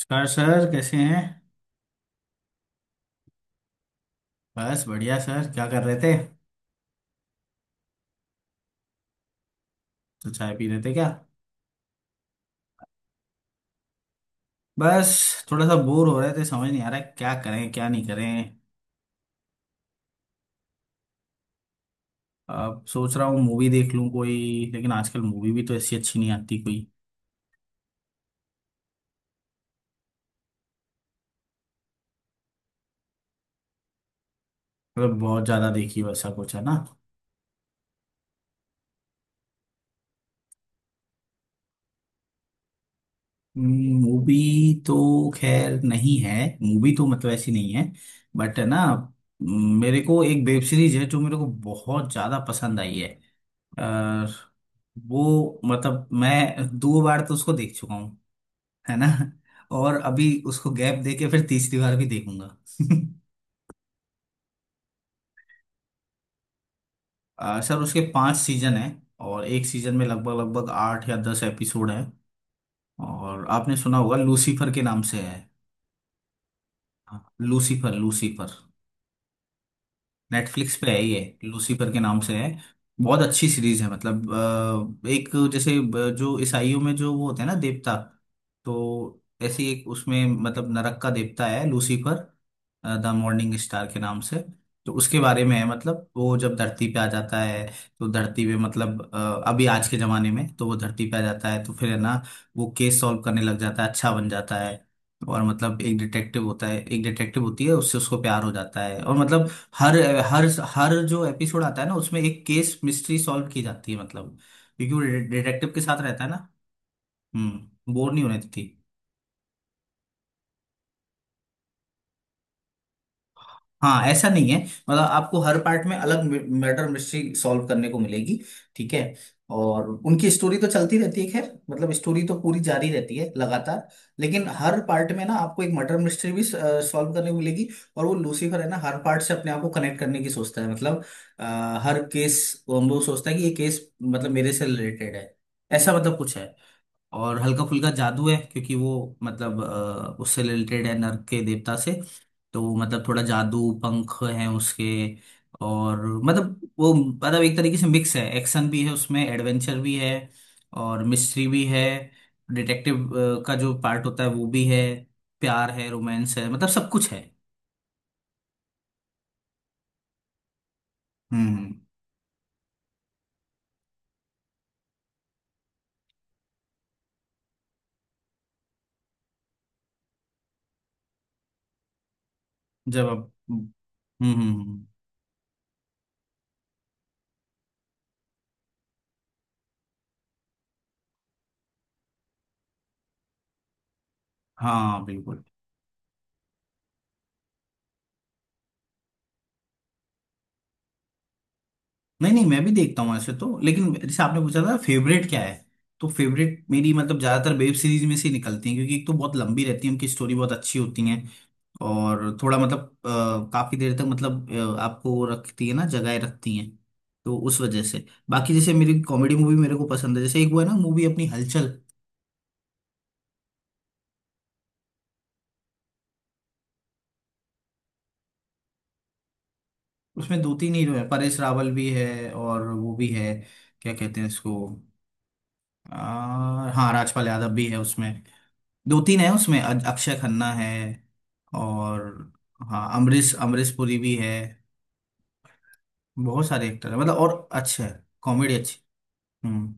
नमस्कार सर, कैसे हैं। बस बढ़िया सर, क्या कर रहे थे। तो चाय पी रहे थे क्या। बस थोड़ा सा बोर हो रहे थे, समझ नहीं आ रहा है क्या करें क्या नहीं करें। अब सोच रहा हूँ मूवी देख लूँ कोई, लेकिन आजकल मूवी भी तो ऐसी अच्छी नहीं आती कोई। मतलब बहुत ज़्यादा देखी वैसा कुछ है ना। मूवी तो खैर नहीं है। मूवी तो मतलब ऐसी नहीं है। बट है ना। मेरे को एक वेब सीरीज है जो मेरे को बहुत ज़्यादा पसंद आई है। वो मतलब मैं दो बार तो उसको देख चुका हूँ। है ना। और अभी उसको गैप दे के फिर तीसरी बार भी देखूंगा। सर उसके पांच सीजन हैं। और एक सीजन में लगभग लगभग 8 या 10 एपिसोड हैं। और आपने सुना होगा लूसीफर के नाम से है। हाँ, लूसीफर लूसीफर। नेटफ्लिक्स पे है ये, लूसीफर के नाम से है। बहुत अच्छी सीरीज है मतलब। एक जैसे जो ईसाइयों में जो वो होते हैं ना देवता। तो ऐसे ही एक उसमें मतलब नरक का देवता है लूसीफर द मॉर्निंग स्टार के नाम से। तो उसके बारे में है मतलब वो जब धरती पे आ जाता है। तो धरती पे मतलब अभी आज के जमाने में तो वो धरती पे आ जाता है तो फिर है ना। वो केस सॉल्व करने लग जाता है, अच्छा बन जाता है। और मतलब एक डिटेक्टिव होता है, एक डिटेक्टिव होती है, उससे उसको प्यार हो जाता है और मतलब। हर हर हर जो एपिसोड आता है ना उसमें एक केस मिस्ट्री सॉल्व की जाती है मतलब। क्योंकि वो डिटेक्टिव के साथ रहता है ना। हम्म, बोर नहीं होने देती। हाँ ऐसा नहीं है, मतलब आपको हर पार्ट में अलग मर्डर मिस्ट्री सॉल्व करने को मिलेगी। ठीक है। और उनकी स्टोरी तो चलती रहती है, खैर मतलब स्टोरी तो पूरी जारी रहती है लगातार। लेकिन हर पार्ट में ना आपको एक मर्डर मिस्ट्री भी सॉल्व करने को मिलेगी। और वो लूसीफर है ना हर पार्ट से अपने आप को कनेक्ट करने की सोचता है मतलब। अ, हर केस वो सोचता है कि ये केस मतलब मेरे से रिलेटेड है, ऐसा मतलब कुछ है। और हल्का फुल्का जादू है क्योंकि वो मतलब उससे रिलेटेड है नर्क के देवता से। तो वो मतलब थोड़ा जादू पंख है उसके। और मतलब वो मतलब एक तरीके से मिक्स है, एक्शन भी है उसमें, एडवेंचर भी है और मिस्ट्री भी है। डिटेक्टिव का जो पार्ट होता है वो भी है। प्यार है, रोमांस है, मतलब सब कुछ है। हम्म। जब आप हम्म। हम्म। हम्म। हाँ बिल्कुल। नहीं नहीं मैं भी देखता हूँ ऐसे तो, लेकिन जैसे आपने पूछा था फेवरेट क्या है। तो फेवरेट मेरी मतलब ज्यादातर वेब सीरीज में से निकलती है, क्योंकि एक तो बहुत लंबी रहती है उनकी स्टोरी बहुत अच्छी होती है। और थोड़ा मतलब काफी देर तक मतलब आपको रखती है ना जगाए रखती हैं। तो उस वजह से बाकी, जैसे मेरी कॉमेडी मूवी मेरे को पसंद है, जैसे एक वो है ना मूवी अपनी हलचल। उसमें दो तीन हीरो है, परेश रावल भी है और वो भी है, क्या कहते हैं इसको। हाँ राजपाल यादव भी है उसमें। दो तीन है उसमें, अक्षय खन्ना है। और हाँ अमरीश अमरीश पुरी भी है। बहुत सारे एक्टर है मतलब, और अच्छा है। कॉमेडी अच्छी। हम्म।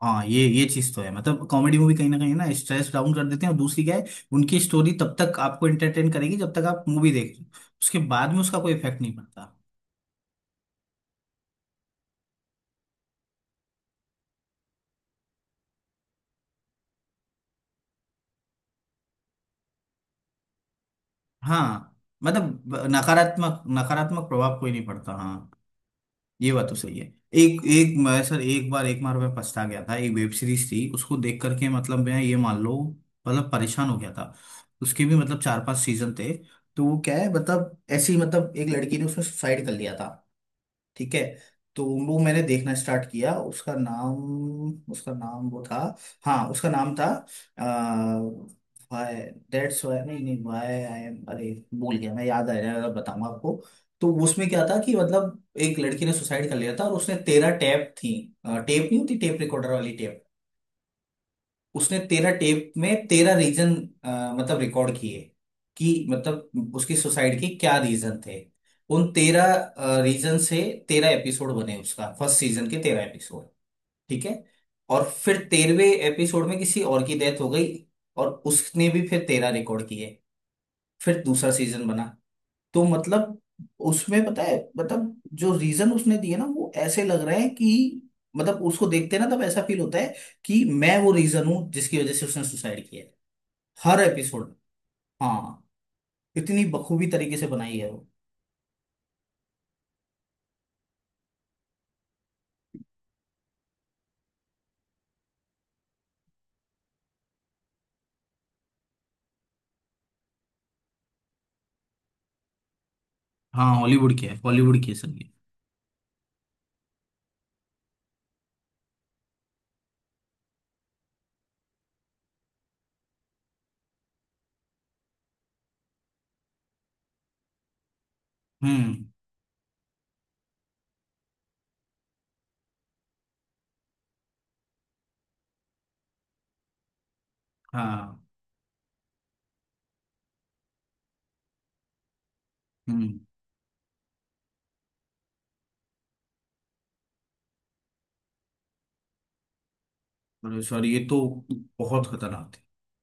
हाँ, ये चीज तो है, मतलब कॉमेडी मूवी कहीं ना स्ट्रेस डाउन कर देते हैं, और दूसरी क्या है। उनकी स्टोरी तब तक आपको एंटरटेन करेगी जब तक आप मूवी देख रहे हो। उसके बाद में उसका कोई इफेक्ट नहीं पड़ता। हाँ मतलब नकारात्मक नकारात्मक प्रभाव कोई नहीं पड़ता, हाँ। ये बात तो सही है। एक एक मैं सर एक बार मैं पछता गया था, एक वेब सीरीज थी उसको देख करके, मतलब मैं ये मान लो। मतलब परेशान हो गया था। उसके भी मतलब चार पांच सीजन थे। तो वो क्या है मतलब ऐसी मतलब एक लड़की ने उसमें सुसाइड कर लिया था। ठीक है। तो वो मैंने देखना स्टार्ट किया, उसका नाम वो था। हाँ उसका नाम था। वाई, दैट्स वाई नहीं नहीं वाई आई एम, अरे भूल गया मैं, याद आ जाएगा अगर बताऊंगा आपको। तो उसमें क्या था कि मतलब एक लड़की ने सुसाइड कर लिया था, और उसने 13 टेप थी। टेप नहीं होती, टेप रिकॉर्डर वाली टेप। उसने 13 टेप में 13 रीजन मतलब रिकॉर्ड किए, कि मतलब उसकी सुसाइड के क्या रीजन थे। उन 13 रीजन से 13 एपिसोड बने, उसका फर्स्ट सीजन के 13 एपिसोड। ठीक है। और फिर 13वें एपिसोड में किसी और की डेथ हो गई। और उसने भी फिर 13 रिकॉर्ड किए। फिर दूसरा सीजन बना। तो मतलब उसमें पता है मतलब जो रीजन उसने दिए ना वो ऐसे लग रहे हैं कि मतलब उसको देखते ना तब ऐसा फील होता है कि मैं वो रीजन हूं जिसकी वजह से उसने सुसाइड किया है, हर एपिसोड। हाँ, इतनी बखूबी तरीके से बनाई है वो। हाँ हॉलीवुड की है, हॉलीवुड की है सर ये। हम्म। हाँ। हम्म। सॉरी ये तो बहुत खतरनाक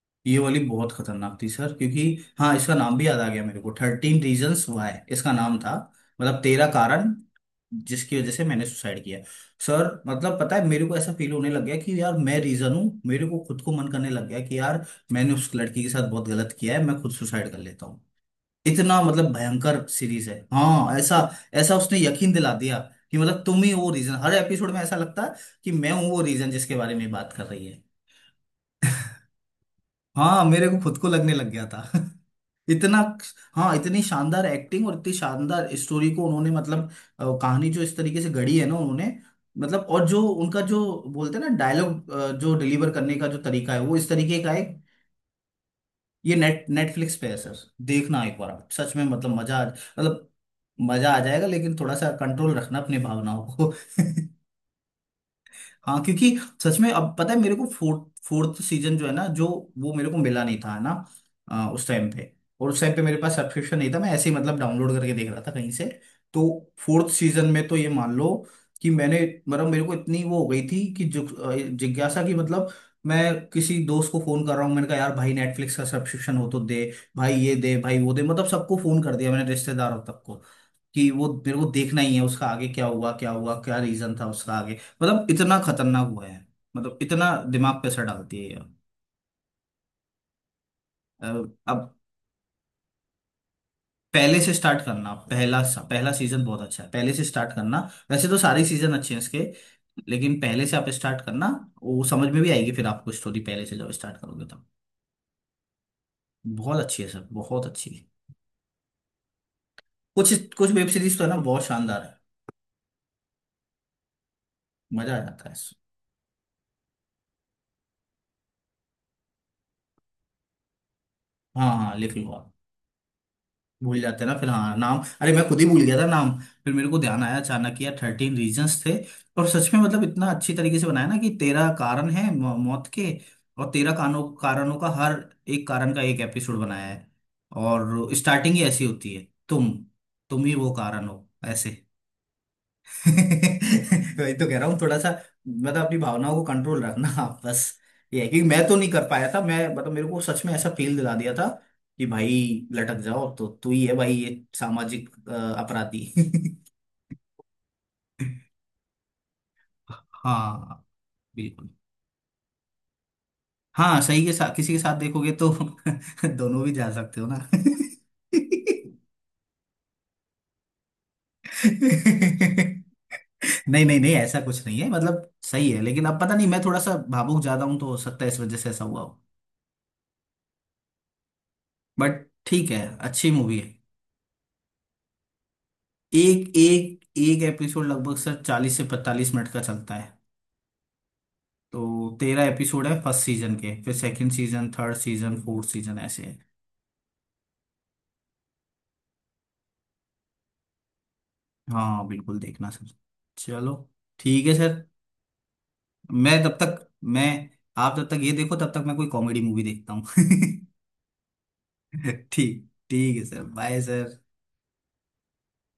थी। ये वाली बहुत खतरनाक थी सर, क्योंकि हाँ इसका नाम भी याद आ गया मेरे को, थर्टीन रीजन्स वाई इसका नाम था। मतलब तेरह कारण जिसकी वजह से मैंने सुसाइड किया। सर मतलब पता है मेरे को ऐसा फील होने लग गया कि यार मैं रीजन हूँ, मेरे को खुद को मन करने लग गया कि यार मैंने उस लड़की के साथ बहुत गलत किया है, मैं खुद सुसाइड कर लेता हूँ। इतना मतलब भयंकर सीरीज है, हाँ ऐसा। ऐसा उसने यकीन दिला दिया, कि मतलब तुम ही वो रीजन, हर एपिसोड में ऐसा लगता है कि मैं हूँ वो रीजन जिसके बारे में बात कर रही है। हाँ मेरे को खुद को लगने लग गया था इतना। हाँ इतनी शानदार एक्टिंग और इतनी शानदार स्टोरी को उन्होंने मतलब कहानी जो इस तरीके से गढ़ी है ना उन्होंने मतलब। और जो उनका जो बोलते हैं ना डायलॉग जो डिलीवर करने का जो तरीका है वो इस तरीके का है। ये नेटफ्लिक्स पे है सर। देखना एक बार आप सच में मतलब मजा मतलब मजा आ जाएगा, लेकिन थोड़ा सा कंट्रोल रखना अपनी भावनाओं को हाँ क्योंकि सच में अब पता है मेरे को फोर्थ फोर्थ सीजन जो है ना जो वो मेरे को मिला नहीं था, है ना, उस टाइम पे। और उस टाइम पे मेरे पास सब्सक्रिप्शन नहीं था, मैं ऐसे ही मतलब डाउनलोड करके देख रहा था कहीं से। तो फोर्थ सीजन में तो ये मान लो कि मैंने मतलब मेरे को इतनी वो हो गई थी कि जिज्ञासा की मतलब। मैं किसी दोस्त को फोन कर रहा हूँ, मैंने कहा यार भाई नेटफ्लिक्स का सब्सक्रिप्शन हो तो दे, भाई ये दे भाई वो दे, मतलब सबको फोन कर दिया मैंने रिश्तेदारों तक को। कि वो मेरे को देखना ही है उसका, आगे क्या हुआ क्या हुआ क्या रीजन था उसका आगे। मतलब इतना खतरनाक हुआ है। मतलब इतना दिमाग पे असर डालती है ये। अ, अब पहले से स्टार्ट करना पहला। पहला सीजन बहुत अच्छा है, पहले से स्टार्ट करना। वैसे तो सारे सीजन अच्छे हैं इसके। लेकिन पहले से आप स्टार्ट करना। वो समझ में भी आएगी, फिर आपको स्टोरी पहले से जब स्टार्ट करोगे तब। बहुत अच्छी है सर, बहुत अच्छी है। कुछ कुछ वेब सीरीज तो है ना बहुत शानदार है। मजा आ जाता है। हाँ हाँ लिख लो आप। भूल जाते हैं ना फिर, हाँ नाम, अरे मैं खुद ही भूल गया था नाम। फिर मेरे को ध्यान आया अचानक कि यार थर्टीन रीजंस थे। और सच में मतलब इतना अच्छी तरीके से बनाया ना कि 13 कारण है मौत के। और 13 कारणों कारणों का हर एक कारण का एक एपिसोड बनाया है। और स्टार्टिंग ही ऐसी होती है, तुम ही वो कारण हो, ऐसे। तो वही तो कह रहा हूँ थोड़ा सा मतलब अपनी भावनाओं को कंट्रोल रखना आप बस। ये है कि मैं तो नहीं कर पाया था, मैं मतलब मेरे को सच में ऐसा फील दिला दिया था कि भाई लटक जाओ, तो तू ही है भाई ये सामाजिक अपराधी हाँ बिल्कुल। हाँ सही के साथ, किसी के साथ देखोगे तो दोनों भी जा सकते हो ना नहीं नहीं नहीं ऐसा कुछ नहीं है, मतलब सही है, लेकिन अब पता नहीं मैं थोड़ा सा भावुक ज्यादा हूं, तो हो सकता है इस वजह से ऐसा हुआ हो। बट ठीक है। अच्छी मूवी है। एक एक एक एपिसोड लगभग सर 40 से 45 मिनट का चलता है। तो 13 एपिसोड है फर्स्ट सीजन के, फिर second season, third season, fourth season, ऐसे है। हाँ बिल्कुल देखना सर। चलो ठीक है सर। मैं तब तक मैं आप जब तक ये देखो तब तक मैं कोई कॉमेडी मूवी देखता हूँ ठीक ठीक है सर, बाय सर।